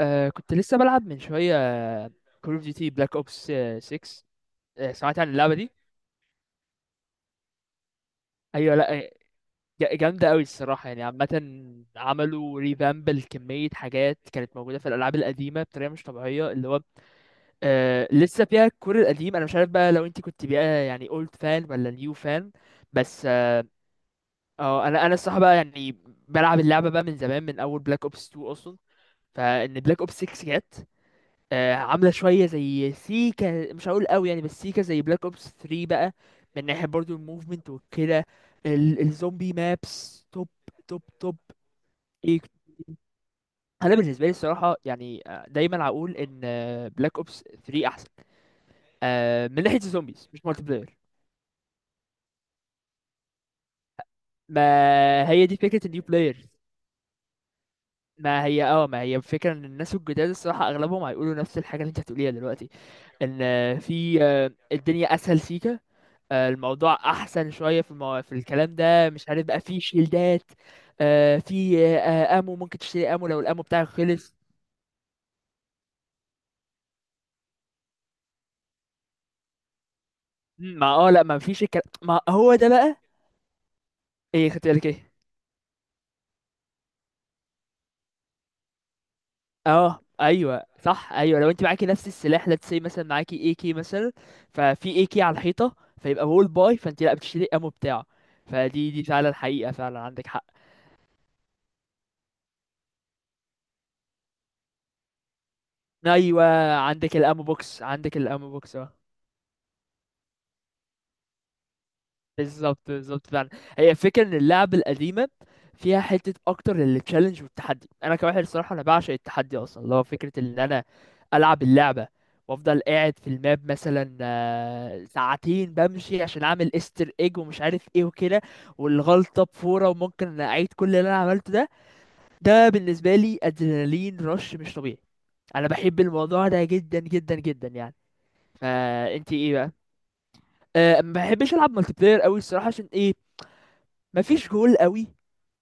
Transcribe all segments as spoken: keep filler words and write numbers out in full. آه كنت لسه بلعب من شوية كول اوف ديوتي بلاك اوبس ستة. آه، سمعت عن اللعبة دي؟ ايوه. لا آه، جا- جامدة قوي الصراحة، يعني عامة عملوا ريفامب لكمية حاجات كانت موجودة في الألعاب القديمة بطريقة مش طبيعية. اللي هو آه لسه فيها الكور القديم. أنا مش عارف بقى لو أنت كنت بقى يعني اولد فان ولا نيو فان. بس اه، آه، انا انا الصراحة بقى يعني بلعب اللعبة بقى من زمان، من أول بلاك اوبس اتنين أصلا. فإن بلاك اوبس ستة جت آه، عامله شويه زي سيكا، مش هقول قوي يعني، بس سيكا زي بلاك اوبس تلاتة بقى من ناحيه برضو الموفمنت وكده. ال- الزومبي مابس توب، توب توب. ايه، انا بالنسبه لي الصراحه يعني آه، دايما هقول ان بلاك اوبس تلاتة احسن آه، من ناحيه الزومبيز، مش مالتي بلاير. ما هي دي فكره النيو بلاير. ما هي اه، ما هي فكرة ان الناس الجداد الصراحة اغلبهم هيقولوا نفس الحاجة اللي انت هتقوليها دلوقتي، ان آه، في آه، الدنيا اسهل سيكا. آه، الموضوع احسن شويه في المو... في الكلام ده، مش عارف بقى، في شيلدات، آه، في آه، امو ممكن تشتري امو لو الامو بتاعك خلص. مم، ما اه لا، ما فيش الكلام، ما هو ده بقى. ايه خدت بالك ايه؟ اه ايوه صح، ايوه لو انت معاكي نفس السلاح let's say، مثلا معاكي اي كي مثلا، ففي اي كي على الحيطه فيبقى وول باي، فانت لا بتشتري امو بتاعه. فدي دي فعلا حقيقه، فعلا عندك حق. ايوه عندك الامو بوكس، عندك الامو بوكس. بالظبط بالظبط فعلا. هي الفكره ان اللعب القديمه فيها حته اكتر للتشالنج والتحدي. انا كواحد الصراحه انا بعشق التحدي اصلا، اللي هو فكره ان انا العب اللعبه وافضل قاعد في الماب مثلا آه، ساعتين بمشي عشان اعمل استر ايج ومش عارف ايه وكده، والغلطه بفوره وممكن اعيد كل اللي انا عملته ده. ده بالنسبه لي ادرينالين رش مش طبيعي، انا بحب الموضوع ده جدا جدا جدا يعني. فانت ايه بقى؟ أه، ما بحبش العب مالتي بلاير قوي الصراحه. عشان ايه؟ مفيش جول قوي،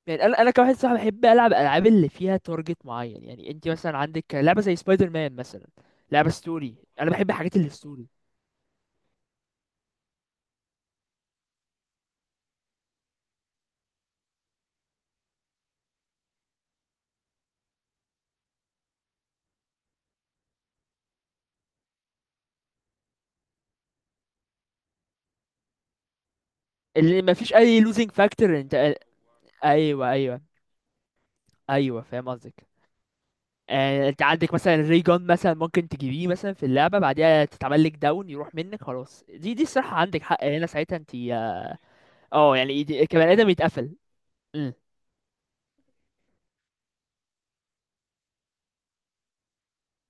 يعني انا انا كواحد صاحبي بحب العب العاب اللي فيها تارجت معين. يعني انت مثلا عندك لعبه زي سبايدر مان مثلا، لعبه ستوري. انا بحب الحاجات اللي ستوري. اللي مفيش اي لوزينج فاكتور انت. ايوه ايوه ايوه فاهم قصدك. آه، انت عندك مثلا ري جون مثلا، ممكن تجيبيه مثلا في اللعبه، بعديها تتعمل لك داون يروح منك خلاص. دي دي الصراحه عندك حق هنا، ساعتها انت اه آه، يعني دي- كبني ادم يتقفل. مم.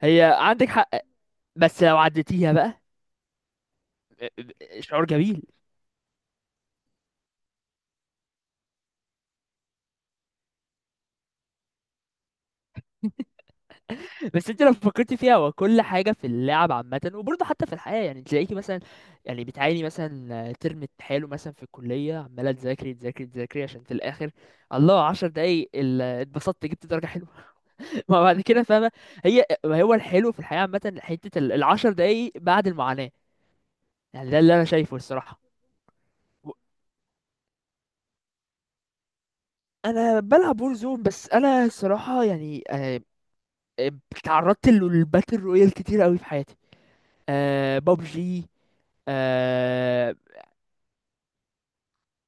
هي عندك حق، بس لو عديتيها بقى آه، آه، شعور جميل. بس انت لو فكرت فيها هو كل حاجه في اللعب عامه وبرضه حتى في الحياه، يعني تلاقيكي مثلا، يعني بتعاني مثلا ترم حلو مثلا في الكليه، عماله تذاكري تذاكري تذاكري، عشان في الاخر الله، عشر دقايق ال- اتبسطت جبت درجه حلوه. ما بعد كده فاهمه. هي ما هو الحلو في الحياه عامه حته ال ال عشر دقايق بعد المعاناه يعني، ده اللي انا شايفه الصراحه. و- انا بلعب وور زون، بس انا الصراحه يعني آه، آه، تعرضت للباتل رويال كتير قوي في حياتي. أه ببجي.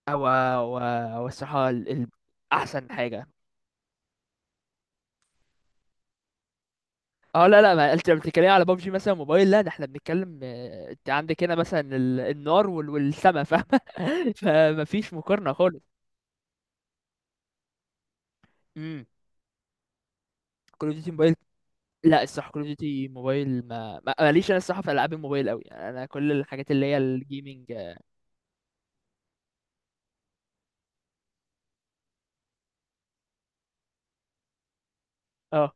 هو هو، هو الصراحة ال... ال... أحسن حاجة. اه لا لا، ما انت لما بتتكلمي على بابجي مثلا موبايل، لا ده احنا بنتكلم آه، انت عندك هنا مثلا ال... النار وال... والسما، فاهمة. فمفيش مقارنة خالص. امم، كول اوف ديوتي موبايل. لا الصراحة كول اوف ديوتي موبايل، ما ما- ماليش انا الصراحة في العاب الموبايل قوي، انا كل الحاجات اللي هي الجيمنج. اه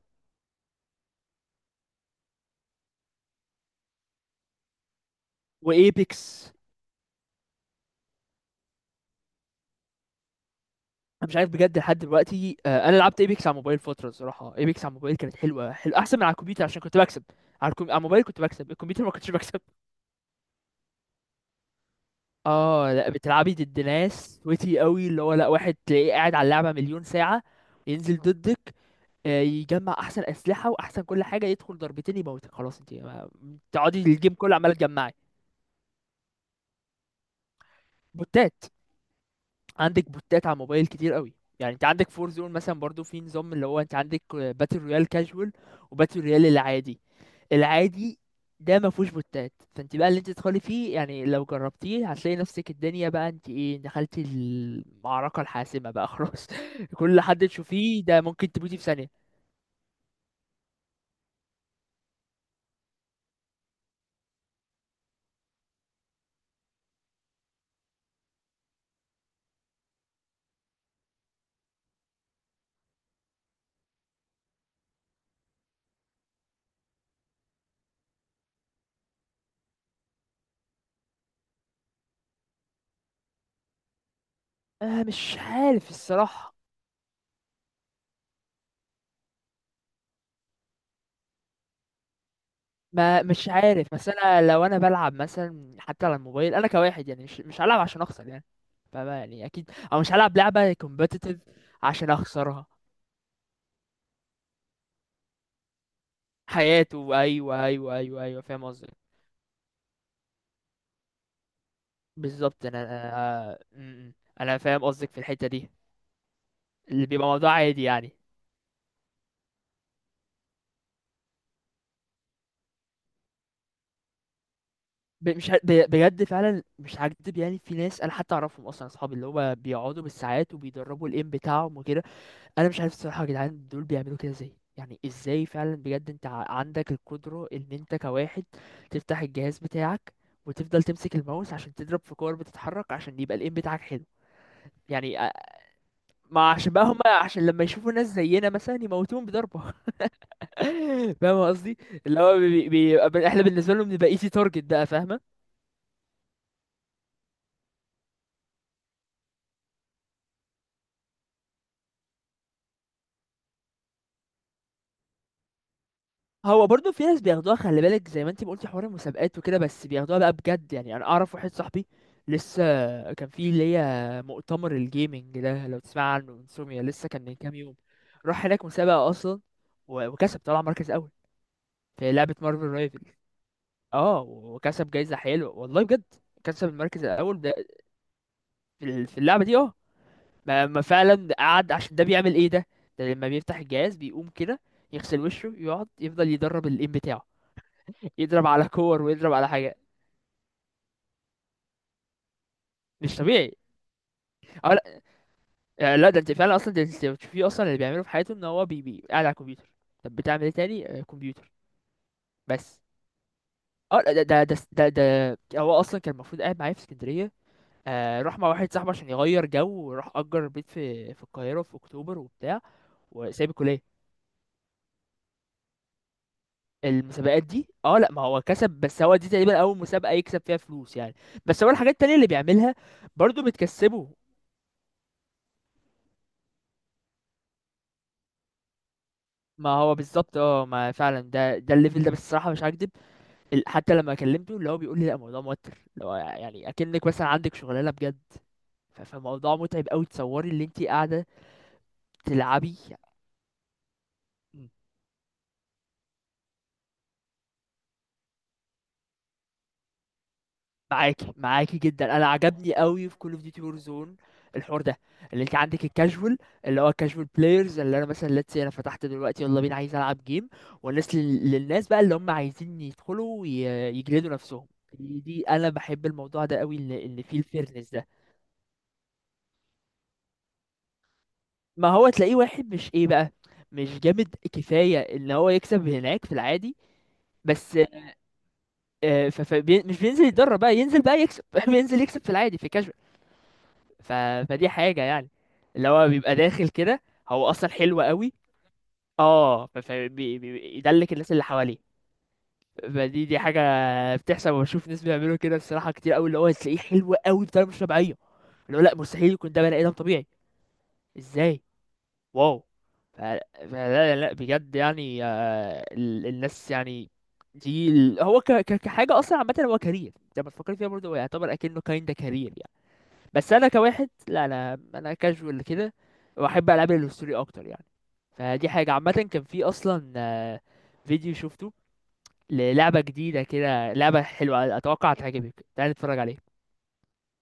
وايبكس. انا مش عارف بجد لحد دلوقتي آه، انا لعبت ايبكس على موبايل فترة، الصراحة ايبكس على موبايل كانت حلوة، حلو احسن من على الكمبيوتر عشان كنت بكسب. على الكم... على الموبايل كنت بكسب، الكمبيوتر ما كنتش بكسب. اه لا بتلعبي ضد ناس ويتي قوي، اللي هو لا واحد تلاقيه قاعد على اللعبه مليون ساعه، ينزل ضدك، آه، يجمع احسن اسلحه واحسن كل حاجه، يدخل ضربتين يموتك خلاص، انت ما- تقعدي الجيم كله عماله تجمعي. بوتات، عندك بوتات على الموبايل كتير قوي. يعني انت عندك فور زون مثلا برضو في نظام، اللي هو انت عندك باتل رويال كاجوال وباتل رويال العادي. العادي ده ما فيهوش بوتات، فانت بقى اللي انت تدخلي فيه يعني لو جربتيه هتلاقي نفسك الدنيا بقى، انت ايه دخلتي المعركة الحاسمة بقى خلاص. كل حد تشوفيه ده ممكن تموتي في ثانية. آه مش عارف الصراحة. ما مش عارف، بس انا لو انا بلعب مثلا حتى على الموبايل انا كواحد يعني مش مش هلعب عشان اخسر يعني، فما يعني اكيد او مش هلعب لعبه كومبتيتيف عشان اخسرها. حياته ايوه ايوه ايوه ايوه فاهم قصدك. بالظبط انا انا م- م. أنا فاهم قصدك في الحته دي، اللي بيبقى موضوع عادي يعني. ب- مش ه- ب- بجد فعلا مش هكدب، يعني في ناس انا حتى اعرفهم اصلا اصحابي، اللي هو بيقعدوا بالساعات وبيدربوا الايم بتاعهم وكده. انا مش عارف الصراحه يا جدعان دول بيعملوا كده ازاي. يعني ازاي فعلا بجد انت ع- عندك القدره ان انت كواحد تفتح الجهاز بتاعك وتفضل تمسك الماوس عشان تضرب في كور بتتحرك عشان يبقى الايم بتاعك حلو. يعني أ- ما عشان بقى هم، عشان لما يشوفوا ناس زينا مثلا يموتون بضربه. فاهم قصدي، اللي هو بي بي بي- احنا بالنسبه لهم نبقى ايزي تارجت بقى، فاهمه. هو برضه في ناس بياخدوها، خلي بالك زي ما انت ما قلتي حوار المسابقات وكده، بس بياخدوها بقى بجد يعني. انا اعرف واحد صاحبي لسه كان في اللي هي مؤتمر الجيمنج ده لو تسمع عنه، انسوميا، لسه كان من كام يوم. راح هناك مسابقة اصلا و- وكسب طلع مركز اول في لعبة مارفل رايفل. اه وكسب جايزة حلوة والله بجد. كسب المركز الاول ده في ال- في اللعبة دي اه. ما ما فعلا قعد عشان ده بيعمل ايه ده، ده لما بيفتح الجهاز بيقوم كده يغسل وشه يقعد يفضل يدرب الام بتاعه، يضرب على كور ويضرب على حاجه. مش طبيعي. اه لا آه، لا ده انت فعلا اصلا، ده انت بتشوفيه اصلا اللي بيعمله في حياته ان هو بي بي قاعد على الكمبيوتر. طب بتعمل ايه تاني آه، كمبيوتر بس. اه لا، ده ده ده ده ده هو اصلا كان المفروض قاعد معايا في اسكندريه. آه راح مع واحد صاحبه عشان يغير جو، وراح اجر بيت في في القاهره في اكتوبر وبتاع، وسايب الكليه. المسابقات دي اه لا، ما هو كسب، بس هو دي تقريبا اول مسابقه يكسب فيها فلوس يعني. بس هو الحاجات التانية اللي بيعملها برضه بتكسبه. ما هو بالظبط اه، ما فعلا ده ده الليفل ده بالصراحه مش هكدب. ال- حتى لما كلمته اللي هو بيقول لي لا، الموضوع موتر، اللي هو يعني اكنك مثلا عندك شغلانه بجد. ف- فالموضوع متعب قوي، تصوري اللي انت قاعده تلعبي. معاكي معاكي جدا، انا عجبني قوي في كول اوف ديوتي وور زون الحوار ده، اللي انت عندك الكاجوال، اللي هو الكاجوال بلايرز اللي انا مثلا let's say انا فتحت دلوقتي يلا بينا عايز العب جيم. والناس لل- للناس بقى اللي هم عايزين يدخلوا وي- يجلدوا نفسهم. دي دي انا بحب الموضوع ده قوي، اللي اللي فيه الفيرنس ده. ما هو تلاقيه واحد مش ايه بقى، مش جامد كفاية ان هو يكسب هناك في العادي بس آه، ف... ف... بي... مش بينزل يتدرب بقى، ينزل بقى يكسب. بينزل يكسب في العادي في كاجوال. ف... فدي حاجة يعني اللي هو بيبقى داخل كده هو اصلا حلو قوي. اه ف... ف... بي... بي... يدلك الناس اللي حواليه. فدي دي حاجة بتحصل وبشوف ناس بيعملوا كده الصراحة كتير قوي، اللي هو تلاقيه حلو قوي بطريقة مش طبيعية، اللي هو لا مستحيل يكون ده بني ادم طبيعي، ازاي، واو. ف- فلا لا لا بجد يعني آه، ال- الناس يعني دي ال- هو ك- ك- كحاجة أصلا عامة، هو كارير لما تفكر فيها برضه، هو يعتبر أكنه كايندا كارير يعني. بس أنا كواحد لا، أنا أنا كاجوال كده وأحب ألعب الهستوري أكتر يعني. فدي حاجة عامة. كان في أصلا آه، فيديو شفته للعبة جديدة كده، لعبة حلوة أتوقع هتعجبك، تعالى نتفرج عليها.